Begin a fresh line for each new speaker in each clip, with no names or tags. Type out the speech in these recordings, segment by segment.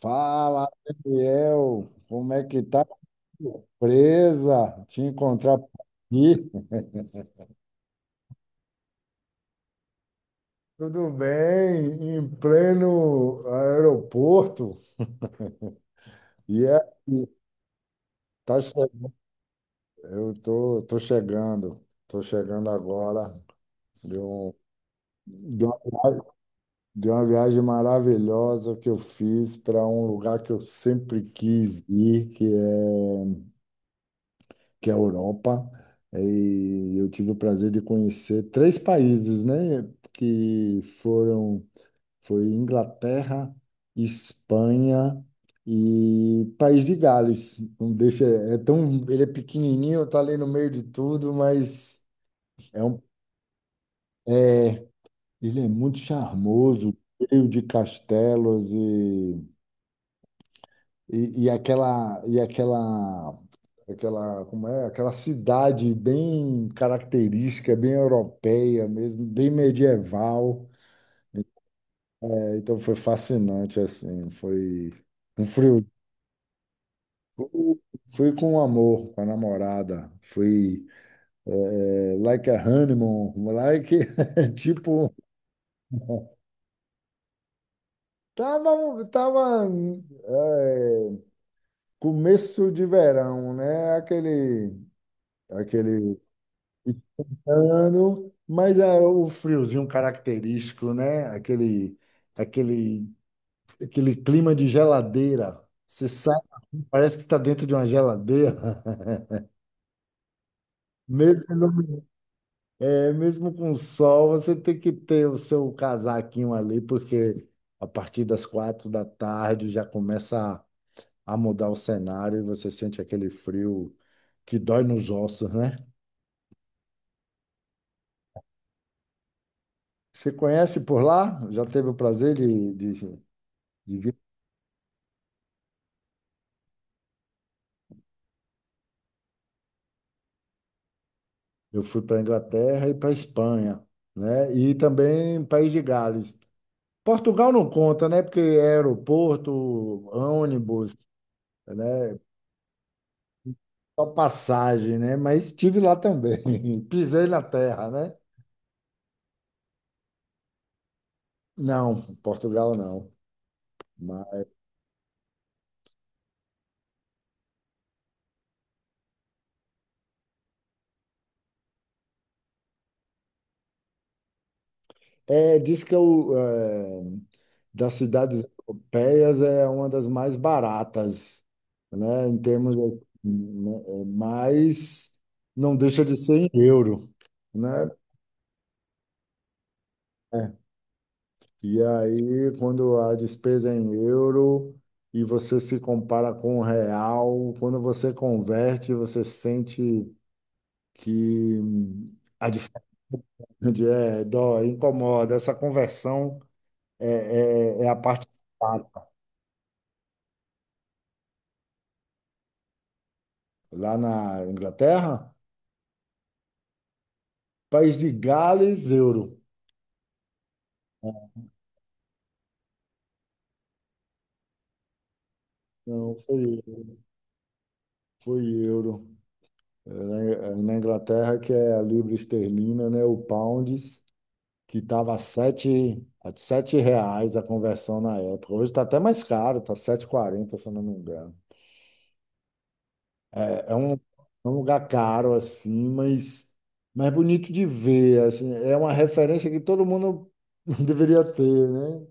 Fala, Daniel, como é que tá? Surpresa te encontrar por aqui. Tudo bem, em pleno aeroporto. E é, tá chegando. Eu tô chegando agora de, um, de, uma, viagem de uma viagem maravilhosa que eu fiz para um lugar que eu sempre quis ir, que é a Europa. E eu tive o prazer de conhecer três países, né? Que foram, foi Inglaterra, Espanha e País de Gales. Não deixa, é tão, ele é pequenininho, tá ali no meio de tudo, mas é um ele é muito charmoso, cheio de castelos e aquela cidade bem característica, bem europeia mesmo, bem medieval. É, então foi fascinante assim, foi um frio. Fui com amor, com a namorada. Like a honeymoon, like tipo tava é, começo de verão, né? Aquele ano, mas é o friozinho característico, né? Aquele, aquele clima de geladeira. Você sai, parece que está dentro de uma geladeira. Mesmo, não- é, mesmo com sol, você tem que ter o seu casaquinho ali, porque a partir das 4 da tarde já começa a mudar o cenário e você sente aquele frio que dói nos ossos, né? Você conhece por lá? Já teve o prazer de vir? Eu fui para a Inglaterra e para a Espanha, né? E também País de Gales. Portugal não conta, né? Porque é aeroporto, ônibus, né? Só passagem, né? Mas estive lá também. Pisei na terra, né? Não, Portugal não. Mas diz que das cidades europeias é uma das mais baratas, né? Em termos, né. Mas não deixa de ser em euro, né? É. E aí, quando a despesa é em euro e você se compara com o real, quando você converte, você sente que a diferença incomoda. Essa conversão é a parte chata. Lá na Inglaterra, País de Gales, euro. Não, foi euro. É, na Inglaterra, que é a libra esterlina, né? O pounds. Que estava a sete reais a conversão na época. Hoje está até mais caro, está 7,40, se eu não me engano. É um lugar caro, assim, mas é bonito de ver. Assim, é uma referência que todo mundo deveria ter, né?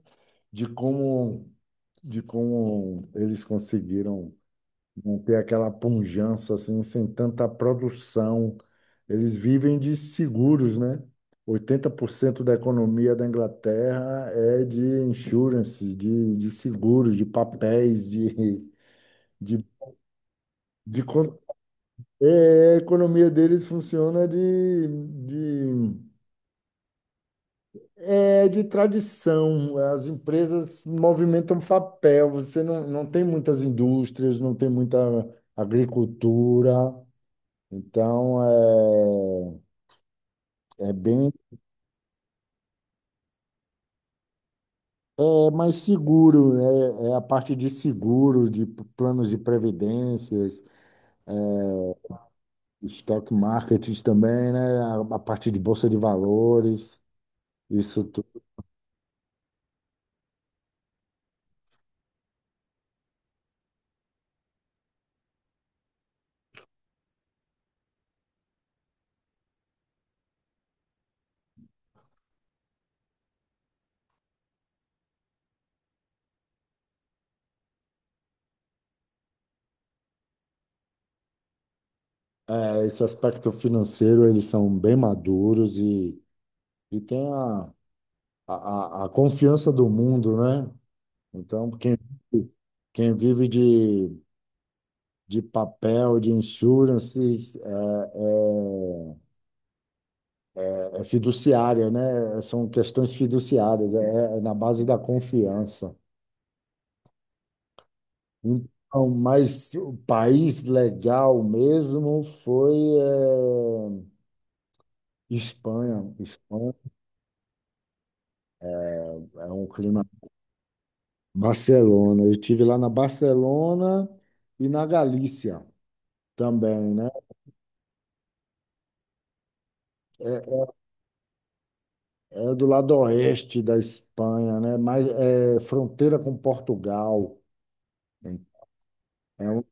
De como, de como eles conseguiram não ter aquela pujança assim, sem tanta produção. Eles vivem de seguros, né? 80% da economia da Inglaterra é de insurances, de seguros, de papéis, de, de con- a economia deles funciona de, de tradição. As empresas movimentam papel. Você não tem muitas indústrias, não tem muita agricultura. Então, é, é bem é mais seguro, né? É a parte de seguro, de planos de previdências, stock market também, né? A parte de bolsa de valores, isso, esse aspecto financeiro, eles são bem maduros e tem a, a confiança do mundo, né? Então, quem vive de papel, de insurances, é É fiduciária, né? São questões fiduciárias, é na base da confiança. Então, mas o país legal mesmo foi Espanha. Espanha é um clima. Barcelona. Eu tive lá na Barcelona e na Galícia também, né? É é do lado oeste da Espanha, né? Mas é fronteira com Portugal. É, um-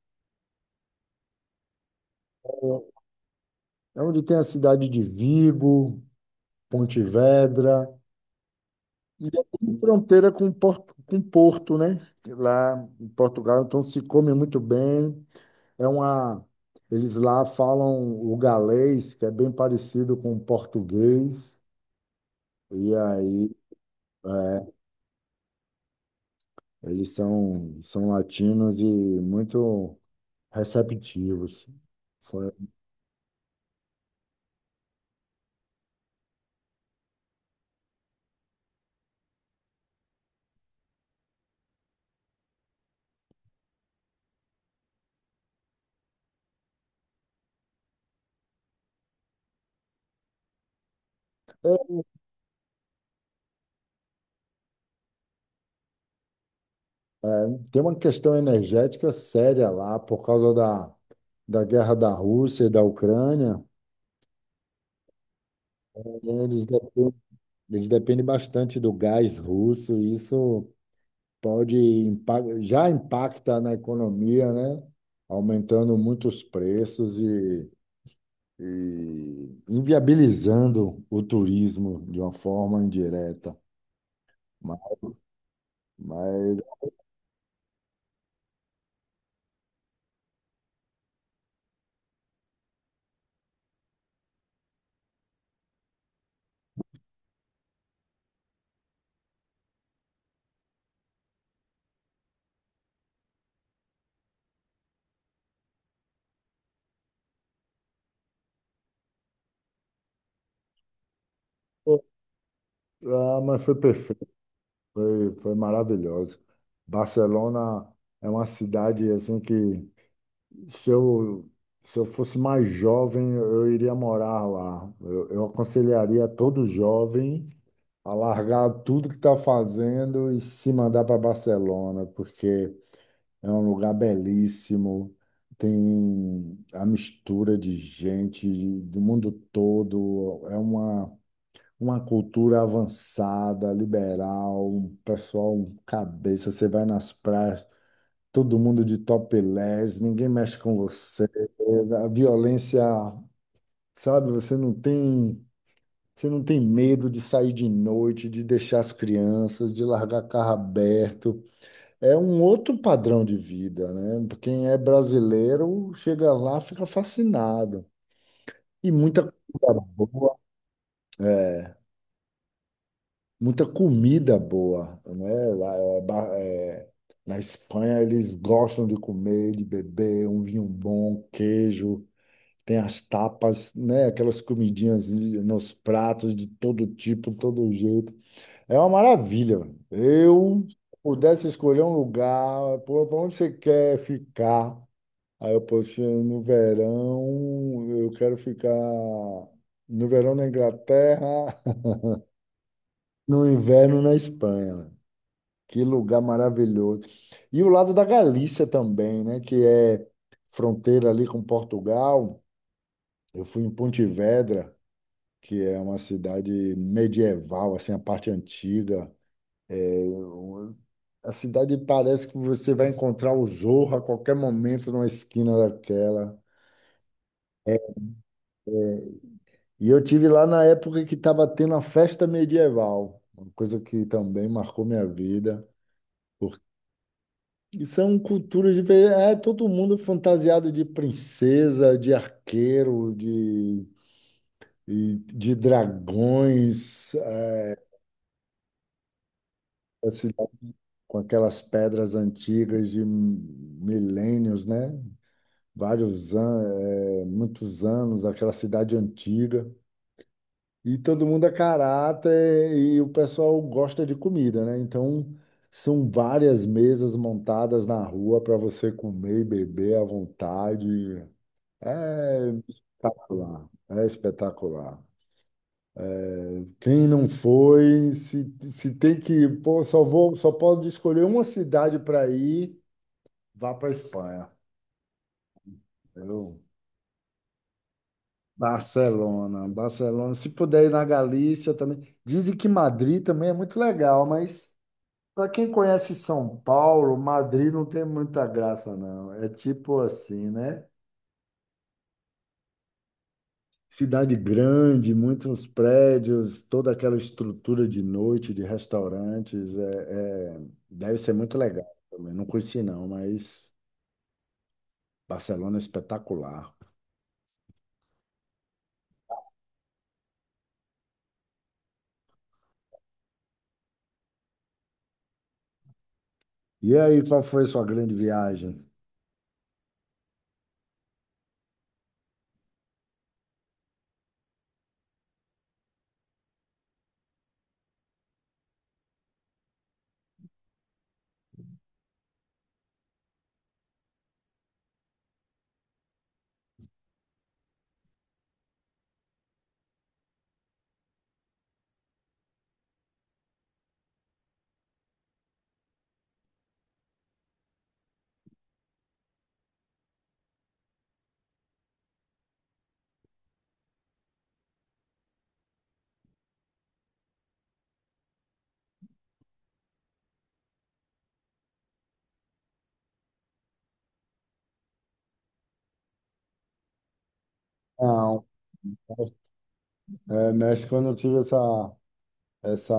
é onde tem a cidade de Vigo, Pontevedra. E é tudo fronteira com Porto, né? Lá em Portugal, então se come muito bem. É uma, eles lá falam o galês, que é bem parecido com o português. E aí é, eles são latinos e muito receptivos. Foi- É, tem uma questão energética séria lá por causa da guerra da Rússia e da Ucrânia. Eles dependem Eles dependem bastante do gás russo, e isso já impacta na economia, né? Aumentando muitos preços e inviabilizando o turismo de uma forma indireta. Mas, mas, Pô, ah, mas foi perfeito, foi maravilhoso. Barcelona é uma cidade assim que Se eu, se eu fosse mais jovem, eu iria morar lá. Eu aconselharia todo jovem a largar tudo que está fazendo e se mandar para Barcelona, porque é um lugar belíssimo, tem a mistura de gente do mundo todo, uma cultura avançada, liberal, um pessoal um cabeça, você vai nas praias todo mundo de topless, ninguém mexe com você, é, a violência, sabe? Você não tem medo de sair de noite, de deixar as crianças, de largar carro aberto. É um outro padrão de vida, né? Quem é brasileiro chega lá, fica fascinado. E muita comida boa, é, muita comida boa, né? Lá, é, ba- é, na Espanha eles gostam de comer, de beber, um vinho bom, queijo. Tem as tapas, né? Aquelas comidinhas nos pratos de todo tipo, todo jeito. É uma maravilha, mano. Eu pudesse escolher um lugar, para onde você quer ficar. Aí eu posso no verão, eu quero ficar no verão na Inglaterra, no inverno na Espanha. Mano. Que lugar maravilhoso. E o lado da Galícia também, né? Que é fronteira ali com Portugal. Eu fui em Pontevedra que é uma cidade medieval, assim, a parte antiga. Eu- A cidade parece que você vai encontrar o Zorro a qualquer momento numa esquina daquela. E eu tive lá na época que estava tendo a festa medieval, uma coisa que também marcou minha vida. Porque são culturas diferentes. É todo mundo fantasiado de princesa, de arqueiro, de dragões. É, assim, com aquelas pedras antigas de milênios, né? Vários anos, muitos anos, aquela cidade antiga. E todo mundo é caráter e o pessoal gosta de comida, né? Então, são várias mesas montadas na rua para você comer e beber à vontade. É espetacular, é espetacular. Quem não foi, se tem que, pô, só posso escolher uma cidade para ir, vá para Espanha. Eu- Barcelona, Barcelona. Se puder ir na Galícia também. Dizem que Madrid também é muito legal, mas para quem conhece São Paulo, Madrid não tem muita graça, não. É tipo assim, né? Cidade grande, muitos prédios, toda aquela estrutura de noite, de restaurantes. Deve ser muito legal também. Não conheci, não, mas Barcelona é espetacular. E aí, qual foi a sua grande viagem? Não, México eu não tive essa. essa,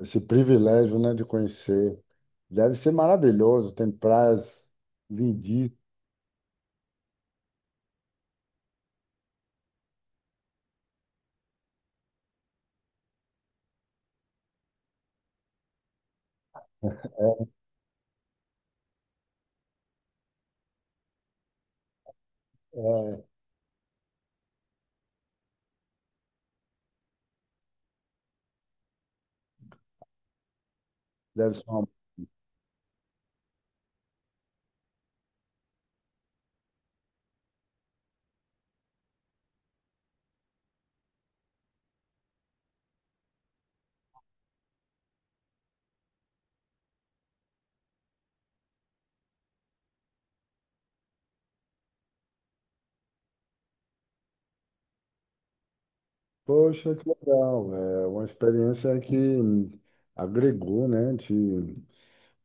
esse privilégio, né, de conhecer. Deve ser maravilhoso, tem praias lindíssimas, é, deve ser uma. Poxa, que legal, é uma experiência que agregou, né, te.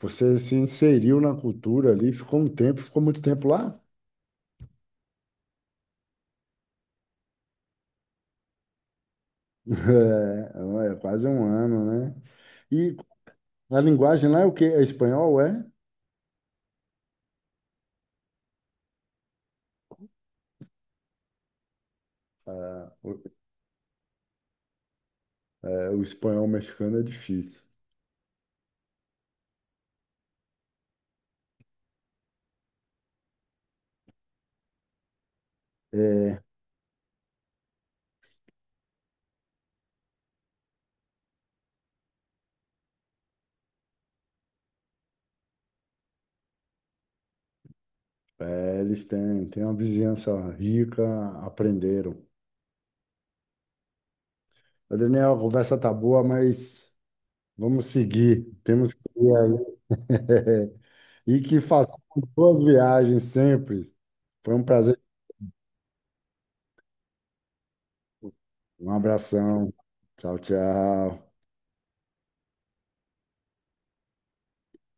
Você se inseriu na cultura ali, ficou um tempo, ficou muito tempo lá? É, é quase um ano, né? E a linguagem lá é o quê? É espanhol, é? É, o espanhol mexicano é difícil. É, eles têm uma vizinhança rica, aprenderam. Ô, Daniel, a conversa tá boa, mas vamos seguir. Temos que ir aí. E que façamos boas viagens sempre. Foi um prazer. Um abração. Tchau, tchau.